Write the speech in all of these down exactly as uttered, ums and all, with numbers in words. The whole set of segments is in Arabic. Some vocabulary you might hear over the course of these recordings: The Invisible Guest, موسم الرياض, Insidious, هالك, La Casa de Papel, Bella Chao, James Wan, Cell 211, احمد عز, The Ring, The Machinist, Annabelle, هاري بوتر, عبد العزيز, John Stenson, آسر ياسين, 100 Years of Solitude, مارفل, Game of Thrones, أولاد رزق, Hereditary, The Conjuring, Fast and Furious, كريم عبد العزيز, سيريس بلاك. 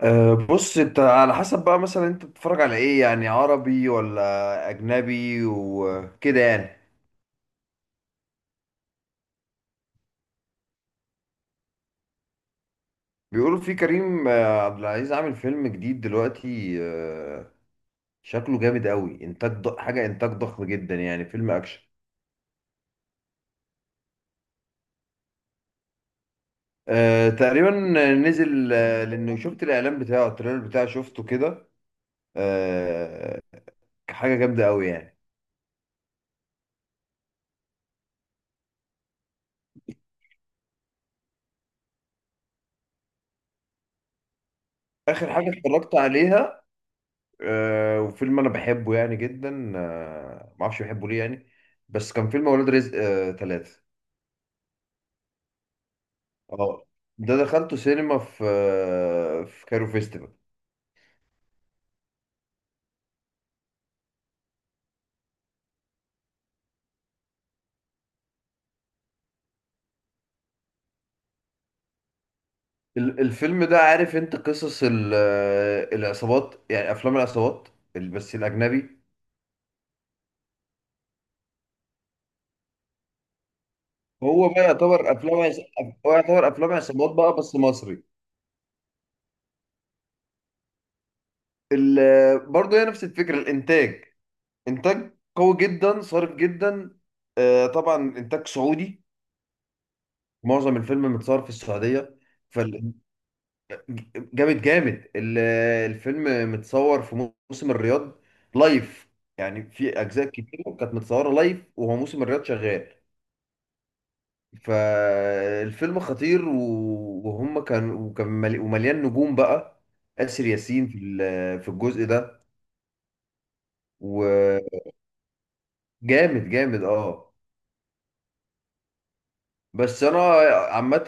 أه بص انت على حسب بقى، مثلا انت بتتفرج على ايه؟ يعني عربي ولا اجنبي وكده. يعني بيقولوا في كريم آه، عبد العزيز عامل فيلم جديد دلوقتي. آه، شكله جامد قوي، انتاج ض... حاجة، انتاج ضخم جدا، يعني فيلم اكشن. أه، تقريبا نزل، آه، لانه شفت الاعلان بتاعه، التريلر بتاعه شفته كده. أه، حاجة جامدة قوي يعني. اخر حاجة اتفرجت عليها، آه وفيلم انا بحبه يعني جدا، آه ما اعرفش بحبه ليه يعني، بس كان فيلم اولاد رزق آه ثلاثة. اه، ده دخلته سينما في آه في كايرو فيستيفال. ال- الفيلم ده، عارف انت قصص ال- آه، العصابات، يعني افلام العصابات، ال- بس الاجنبي. هو بقى يعتبر افلام عص- هو يعتبر افلام عصابات بقى، بس مصري. ال- برضه هي نفس الفكرة، الانتاج انتاج قوي جدا، صارف جدا. آه طبعا انتاج سعودي، معظم الفيلم متصور في السعودية. فال... جامد جامد. ال- الفيلم متصور في موسم الرياض، لايف، يعني في أجزاء كتير كانت متصورة لايف وهو موسم الرياض شغال. فالفيلم خطير، و- وهم كان وكان مل- ومليان نجوم بقى. آسر ياسين في ال- في الجزء ده، وجامد. جامد اه. بس انا عامة،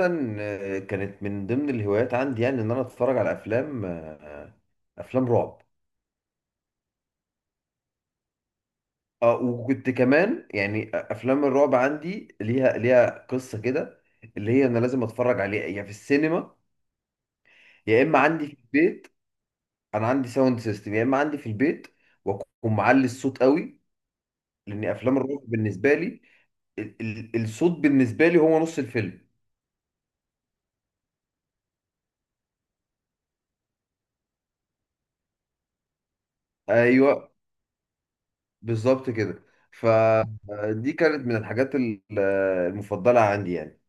كانت من ضمن الهوايات عندي، يعني ان انا اتفرج على افلام آه، افلام رعب. اه، وكنت كمان، يعني افلام الرعب عندي ليها ليها قصه كده، اللي هي انا لازم اتفرج عليها يا في السينما، يا اما عندي في البيت. انا عندي ساوند سيستم يا اما عندي في البيت، واكون معلي الصوت قوي، لان افلام الرعب بالنسبه لي، ال ال الصوت بالنسبه لي هو نص الفيلم. ايوه، بالظبط كده. فدي كانت من الحاجات ال- المفضله عندي يعني.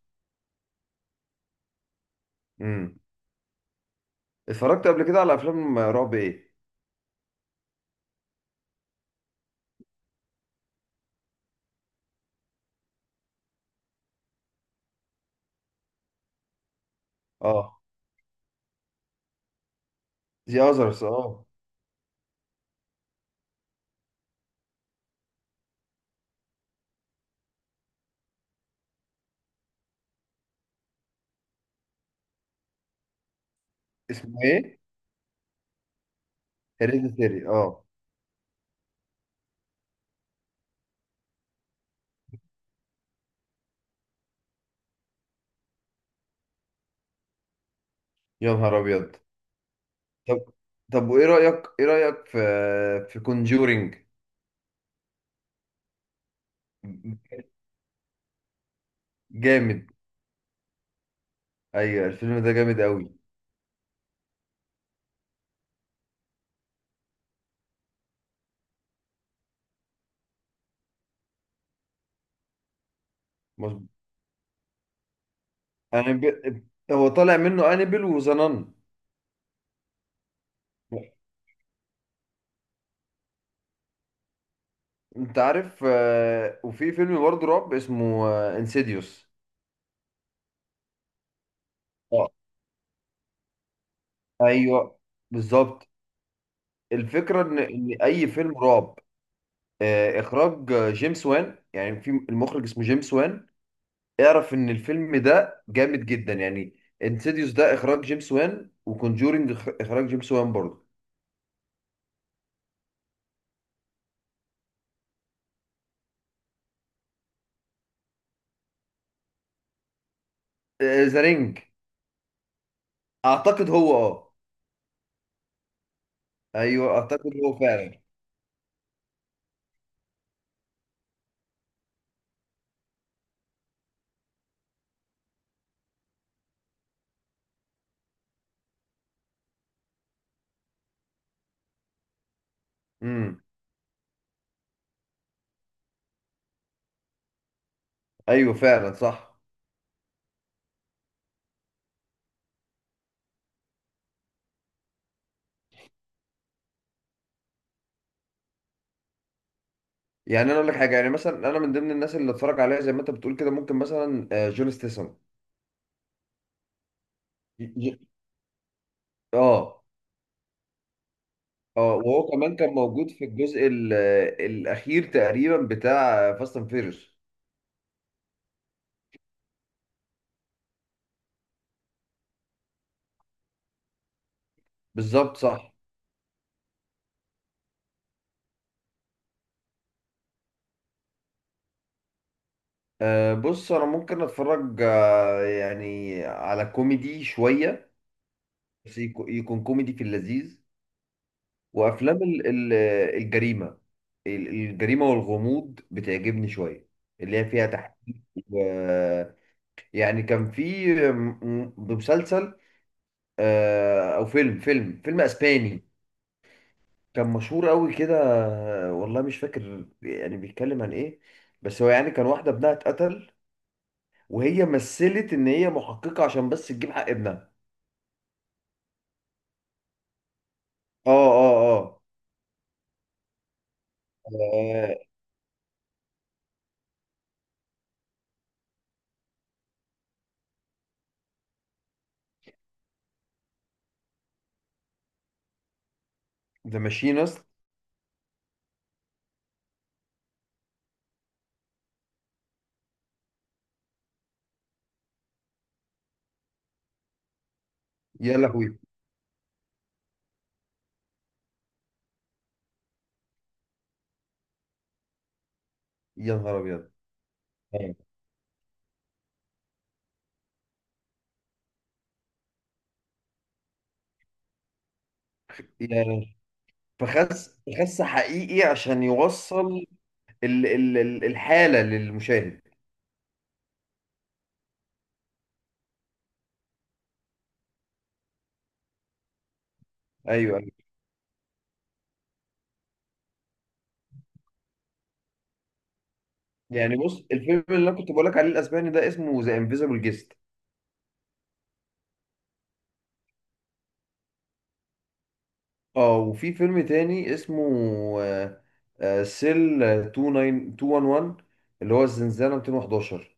امم. اتفرجت قبل كده على افلام رعب ايه؟ اه، ذا اذرز، اه. اسمه ايه؟ هيريديتري، اه. يا نهار ابيض. طب طب وايه رايك، ايه رايك في في كونجورينج؟ جامد. ايوه الفيلم ده جامد قوي. مظبوط، انابيل. هو طالع منه انابيل وزنان. انت عارف، آه، وفي فيلم برضه رعب اسمه انسيديوس. اه، ايوه بالظبط. الفكره ان ان اي فيلم رعب، آه، اخراج آه، جيمس وان، يعني في المخرج اسمه جيمس وان، اعرف ان الفيلم ده جامد جدا يعني. انسيديوس ده اخراج جيمس وان، وكونجورينج اخراج جيمس وان برضه. آه، ذا رينج. اعتقد هو، اه. ايوه اعتقد هو فعلا. امم. ايوه فعلا صح. يعني انا اقول لك حاجه، يعني مثلا انا من ضمن الناس اللي اتفرج عليها زي ما انت بتقول كده، ممكن مثلا آه، جون ستيسون. ج- ج- اه. اه، وهو كمان كان موجود في الجزء ال- آه، الاخير تقريبا، بتاع فاست اند فيريوس. بالظبط صح. أه بص انا ممكن اتفرج، آه، يعني على كوميدي شويه، بس يكو- يكون كوميدي في اللذيذ. وافلام ال- ال- الجريمه، ال- الجريمه والغموض بتعجبني شويه، اللي هي فيها تحقيق. و- يعني كان في م- م- مسلسل، آه، او فيلم فيلم فيلم اسباني، كان مشهور قوي كده. آه، والله مش فاكر يعني بيتكلم عن ايه، بس هو يعني كان واحده ابنها اتقتل، وهي مثلت ان هي محققه عشان بس تجيب حق ابنها. اه، اه، اه. آه، ذا ماشينست. يا لهوي. يا نهار ابيض. آه. يعني فخس فخس حقيقي عشان يوصل ال ال ال الحاله للمشاهد. ايوه، أيوة. يعني بص، الفيلم اللي انا كنت بقول لك عليه الاسباني ده اسمه ذا انفيزبل جيست. اه، وفي فيلم تاني اسمه آه، آه، سيل اتنين تسعه اتنين واحد واحد، اللي هو الزنزانه مئتين وحداشر.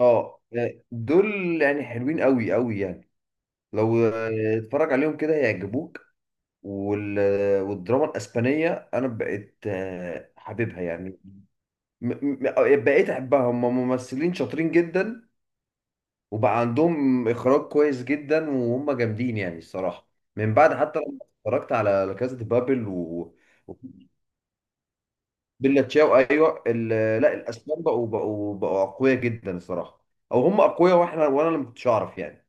اه، آه، دول يعني حلوين قوي قوي يعني، لو آه، اتفرج عليهم كده هيعجبوك. وال... والدراما الاسبانيه انا بقيت، آه، حاببها يعني. م... م... بقيت احبها. هم ممثلين شاطرين جدا، وبقى عندهم اخراج كويس جدا، وهم جامدين يعني الصراحه. من بعد، حتى لما اتفرجت على لا كاسا دي بابل و... و... بيلا تشاو. ايوه ال... لا، الاسبان بقوا بقوا بقوا اقوياء جدا الصراحه. او هم اقوياء واحنا، وانا اللي ما كنتش اعرف يعني.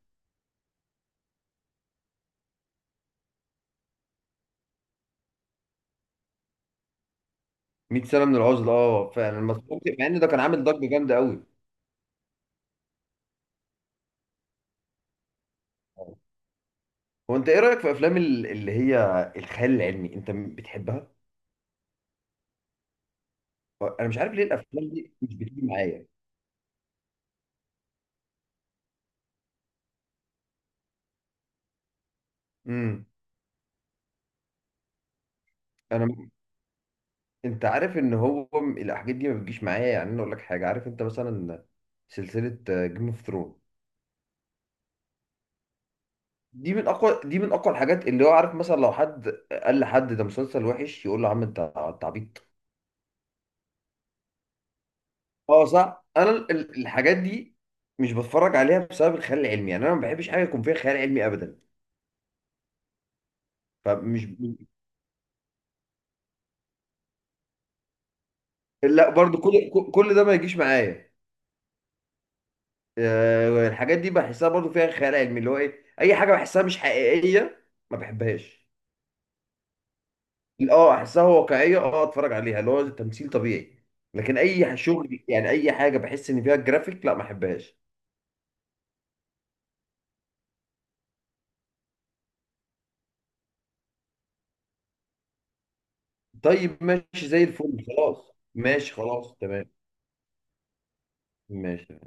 مية سنه من العزله، اه فعلا لما اتفرجت- مع ان ده كان عامل ضجه جامده قوي. هو انت ايه رايك في افلام ال- اللي هي الخيال العلمي، انت م- بتحبها؟ انا مش عارف ليه الافلام دي مش بتيجي معايا. امم. انا م- انت عارف ان هو م- الحاجات دي ما بتجيش معايا، يعني انا اقول لك حاجه، عارف انت مثلا سلسله جيم اوف ثرون؟ دي من اقوى دي من اقوى الحاجات، اللي هو عارف مثلا لو حد قال لحد ده مسلسل وحش يقول له يا عم انت انت عبيط. اه، صح انا ال- ال- الحاجات دي مش بتفرج عليها بسبب الخيال العلمي، يعني انا ما بحبش حاجه يكون فيها خيال علمي ابدا. فمش لا برضو كل كل ده ما يجيش معايا. آه، الحاجات دي بحسها برضو فيها خيال علمي، اللي هو ايه، اي حاجه بحسها مش حقيقيه ما بحبهاش. اه احسها واقعيه، اه اتفرج عليها اللي هو تمثيل طبيعي، لكن اي شغل يعني اي حاجه بحس ان فيها جرافيك، لا ما احبهاش. طيب ماشي زي الفل، خلاص ماشي، خلاص تمام ماشي.